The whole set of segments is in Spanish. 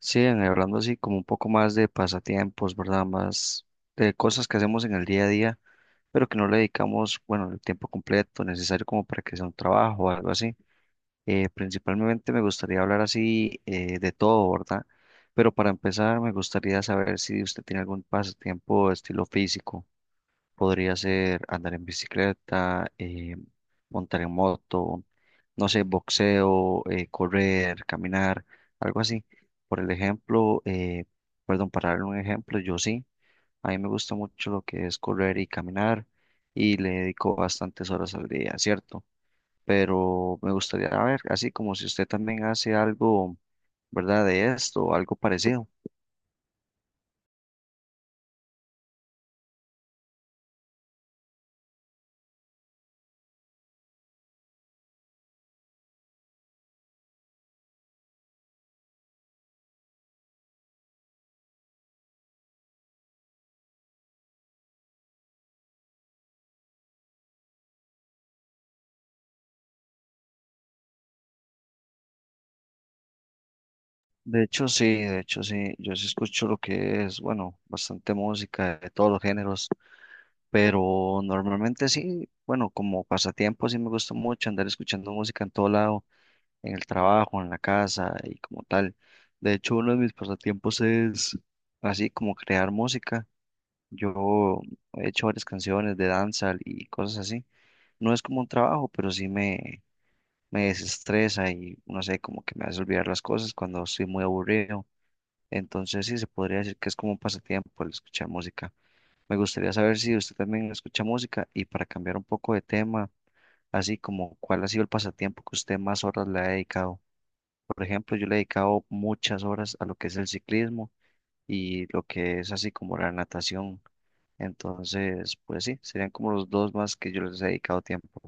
Sí, hablando así como un poco más de pasatiempos, ¿verdad? Más de cosas que hacemos en el día a día, pero que no le dedicamos, bueno, el tiempo completo necesario como para que sea un trabajo o algo así. Principalmente me gustaría hablar así de todo, ¿verdad? Pero para empezar me gustaría saber si usted tiene algún pasatiempo estilo físico. Podría ser andar en bicicleta, montar en moto, no sé, boxeo, correr, caminar, algo así. Por el ejemplo, perdón, para darle un ejemplo, yo sí, a mí me gusta mucho lo que es correr y caminar y le dedico bastantes horas al día, ¿cierto? Pero me gustaría a ver, así como si usted también hace algo, ¿verdad? De esto, algo parecido. De hecho, sí, yo sí escucho lo que es, bueno, bastante música de todos los géneros, pero normalmente sí, bueno, como pasatiempo sí me gusta mucho andar escuchando música en todo lado, en el trabajo, en la casa y como tal. De hecho, uno de mis pasatiempos es así como crear música. Yo he hecho varias canciones de danza y cosas así. No es como un trabajo, pero sí me desestresa y no sé, como que me hace olvidar las cosas cuando estoy muy aburrido, entonces sí se podría decir que es como un pasatiempo el escuchar música. Me gustaría saber si usted también escucha música y para cambiar un poco de tema, así como cuál ha sido el pasatiempo que usted más horas le ha dedicado. Por ejemplo, yo le he dedicado muchas horas a lo que es el ciclismo y lo que es así como la natación. Entonces, pues sí, serían como los dos más que yo les he dedicado tiempo,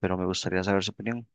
pero me gustaría saber su opinión.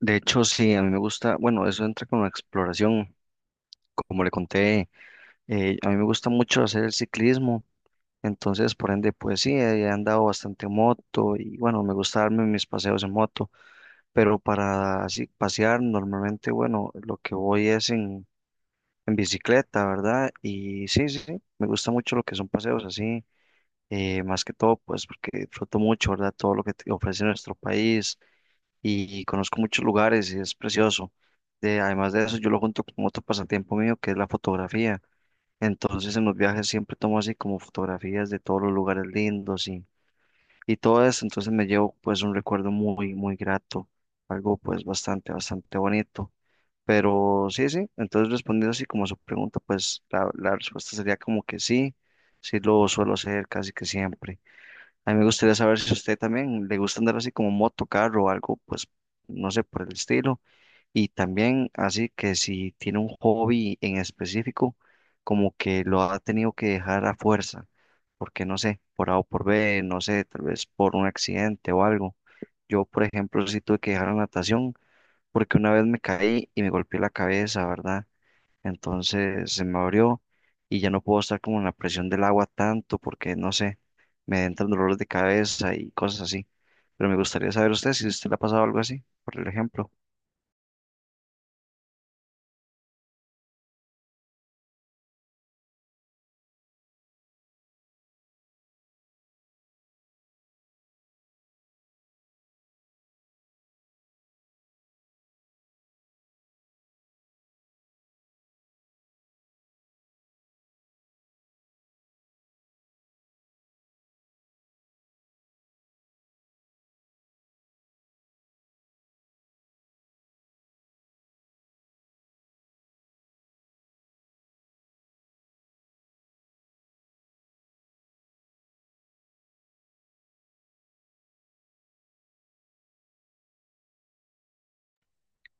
De hecho, sí, a mí me gusta, bueno, eso entra con la exploración, como le conté, a mí me gusta mucho hacer el ciclismo. Entonces, por ende, pues sí, he andado bastante en moto y bueno, me gusta darme mis paseos en moto, pero para así pasear normalmente, bueno, lo que voy es en bicicleta, ¿verdad? Y sí, sí, sí, me gusta mucho lo que son paseos así, más que todo, pues porque disfruto mucho, ¿verdad? Todo lo que te ofrece nuestro país y conozco muchos lugares y es precioso. Además de eso, yo lo junto con otro pasatiempo mío que es la fotografía. Entonces, en los viajes siempre tomo así como fotografías de todos los lugares lindos y todo eso, entonces me llevo pues un recuerdo muy, muy grato, algo pues bastante, bastante bonito. Pero sí, sí, entonces respondiendo así como a su pregunta, pues la respuesta sería como que sí, sí lo suelo hacer casi que siempre. A mí me gustaría saber si a usted también le gusta andar así como moto, carro o algo, pues no sé, por el estilo y también así que si tiene un hobby en específico, como que lo ha tenido que dejar a fuerza, porque no sé, por A o por B, no sé, tal vez por un accidente o algo. Yo, por ejemplo, sí tuve que dejar la natación porque una vez me caí y me golpeé la cabeza, ¿verdad? Entonces se me abrió y ya no puedo estar como en la presión del agua tanto porque, no sé, me entran dolores de cabeza y cosas así. Pero me gustaría saber usted si usted le ha pasado algo así, por el ejemplo.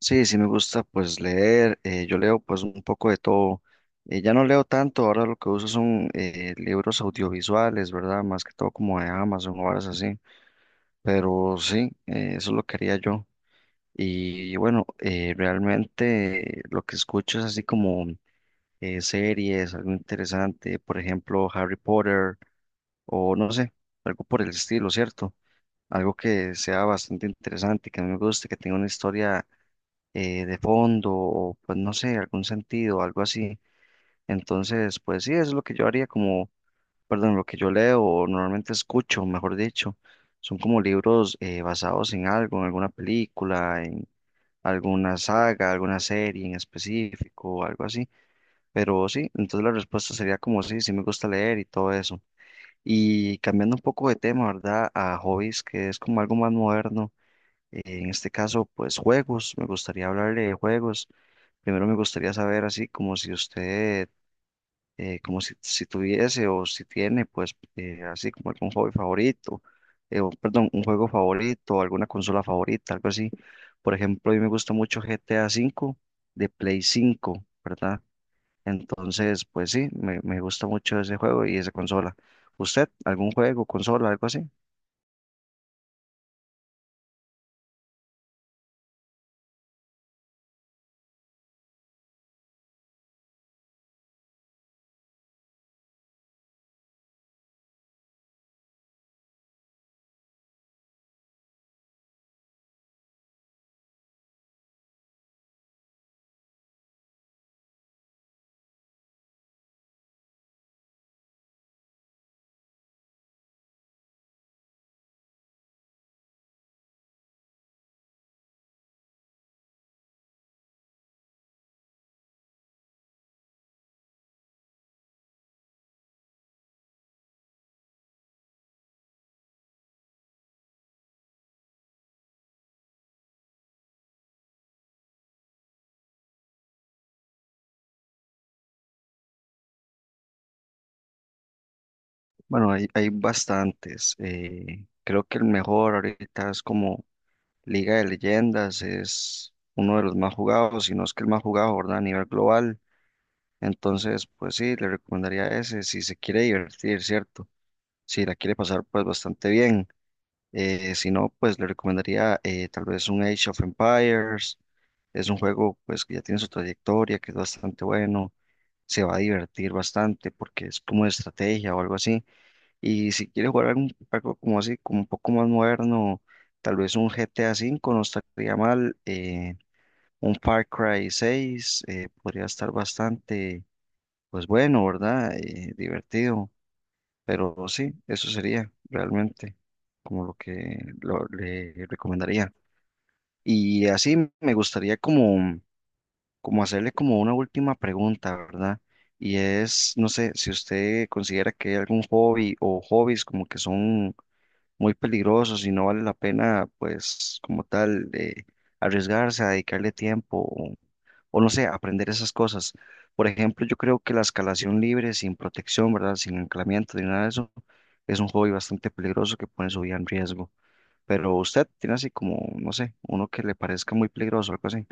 Sí, sí me gusta pues leer, yo leo pues un poco de todo. Ya no leo tanto, ahora lo que uso son libros audiovisuales, ¿verdad? Más que todo como de Amazon o horas así, pero sí, eso lo quería yo. Y bueno, realmente lo que escucho es así como series, algo interesante, por ejemplo Harry Potter o no sé, algo por el estilo, ¿cierto? Algo que sea bastante interesante, que a mí me guste, que tenga una historia de fondo o pues no sé, algún sentido, algo así. Entonces, pues sí, eso es lo que yo haría como, perdón, lo que yo leo o normalmente escucho, mejor dicho. Son como libros basados en algo, en alguna película, en alguna saga, alguna serie en específico, algo así. Pero sí, entonces la respuesta sería como sí, sí me gusta leer y todo eso. Y cambiando un poco de tema, ¿verdad? A hobbies, que es como algo más moderno. En este caso, pues juegos, me gustaría hablarle de juegos. Primero me gustaría saber así como si usted, como si tuviese o si tiene, pues así como algún hobby favorito, o, perdón, un juego favorito, alguna consola favorita, algo así. Por ejemplo, a mí me gusta mucho GTA V de Play 5, ¿verdad? Entonces, pues sí, me gusta mucho ese juego y esa consola. ¿Usted, algún juego, consola, algo así? Bueno, hay bastantes. Creo que el mejor ahorita es como Liga de Leyendas, es uno de los más jugados, si no es que el más jugado, ¿verdad? A nivel global. Entonces, pues sí, le recomendaría ese si se quiere divertir, ¿cierto? Si la quiere pasar, pues bastante bien. Si no, pues le recomendaría tal vez un Age of Empires. Es un juego, pues, que ya tiene su trayectoria, que es bastante bueno. Se va a divertir bastante porque es como de estrategia o algo así. Y si quiere jugar algo como así, como un poco más moderno, tal vez un GTA V no estaría mal, un Far Cry 6 podría estar bastante, pues bueno, ¿verdad? Divertido, pero sí, eso sería realmente como lo que lo- le recomendaría. Y así me gustaría como, como hacerle como una última pregunta, ¿verdad? Y es, no sé, si usted considera que hay algún hobby o hobbies como que son muy peligrosos y no vale la pena, pues, como tal, de arriesgarse a dedicarle tiempo o no sé, aprender esas cosas. Por ejemplo, yo creo que la escalación libre, sin protección, ¿verdad? Sin anclamiento ni nada de eso, es un hobby bastante peligroso que pone su vida en riesgo. Pero usted tiene así como, no sé, uno que le parezca muy peligroso, algo así.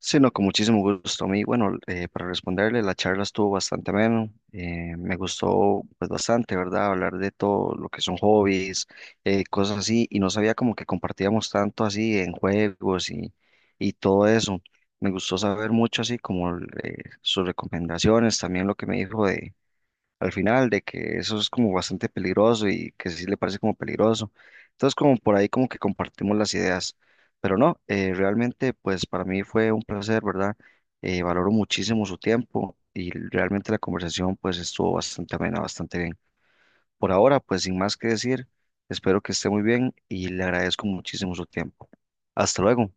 Sí, no, con muchísimo gusto. A mí, bueno, para responderle, la charla estuvo bastante ameno. Me gustó pues bastante, ¿verdad? Hablar de todo lo que son hobbies, cosas así, y no sabía como que compartíamos tanto así en juegos y todo eso. Me gustó saber mucho así como sus recomendaciones, también lo que me dijo al final de que eso es como bastante peligroso y que sí le parece como peligroso. Entonces como por ahí como que compartimos las ideas, pero no, realmente pues para mí fue un placer, ¿verdad? Valoro muchísimo su tiempo y realmente la conversación pues estuvo bastante amena, bastante bien. Por ahora pues sin más que decir, espero que esté muy bien y le agradezco muchísimo su tiempo. Hasta luego.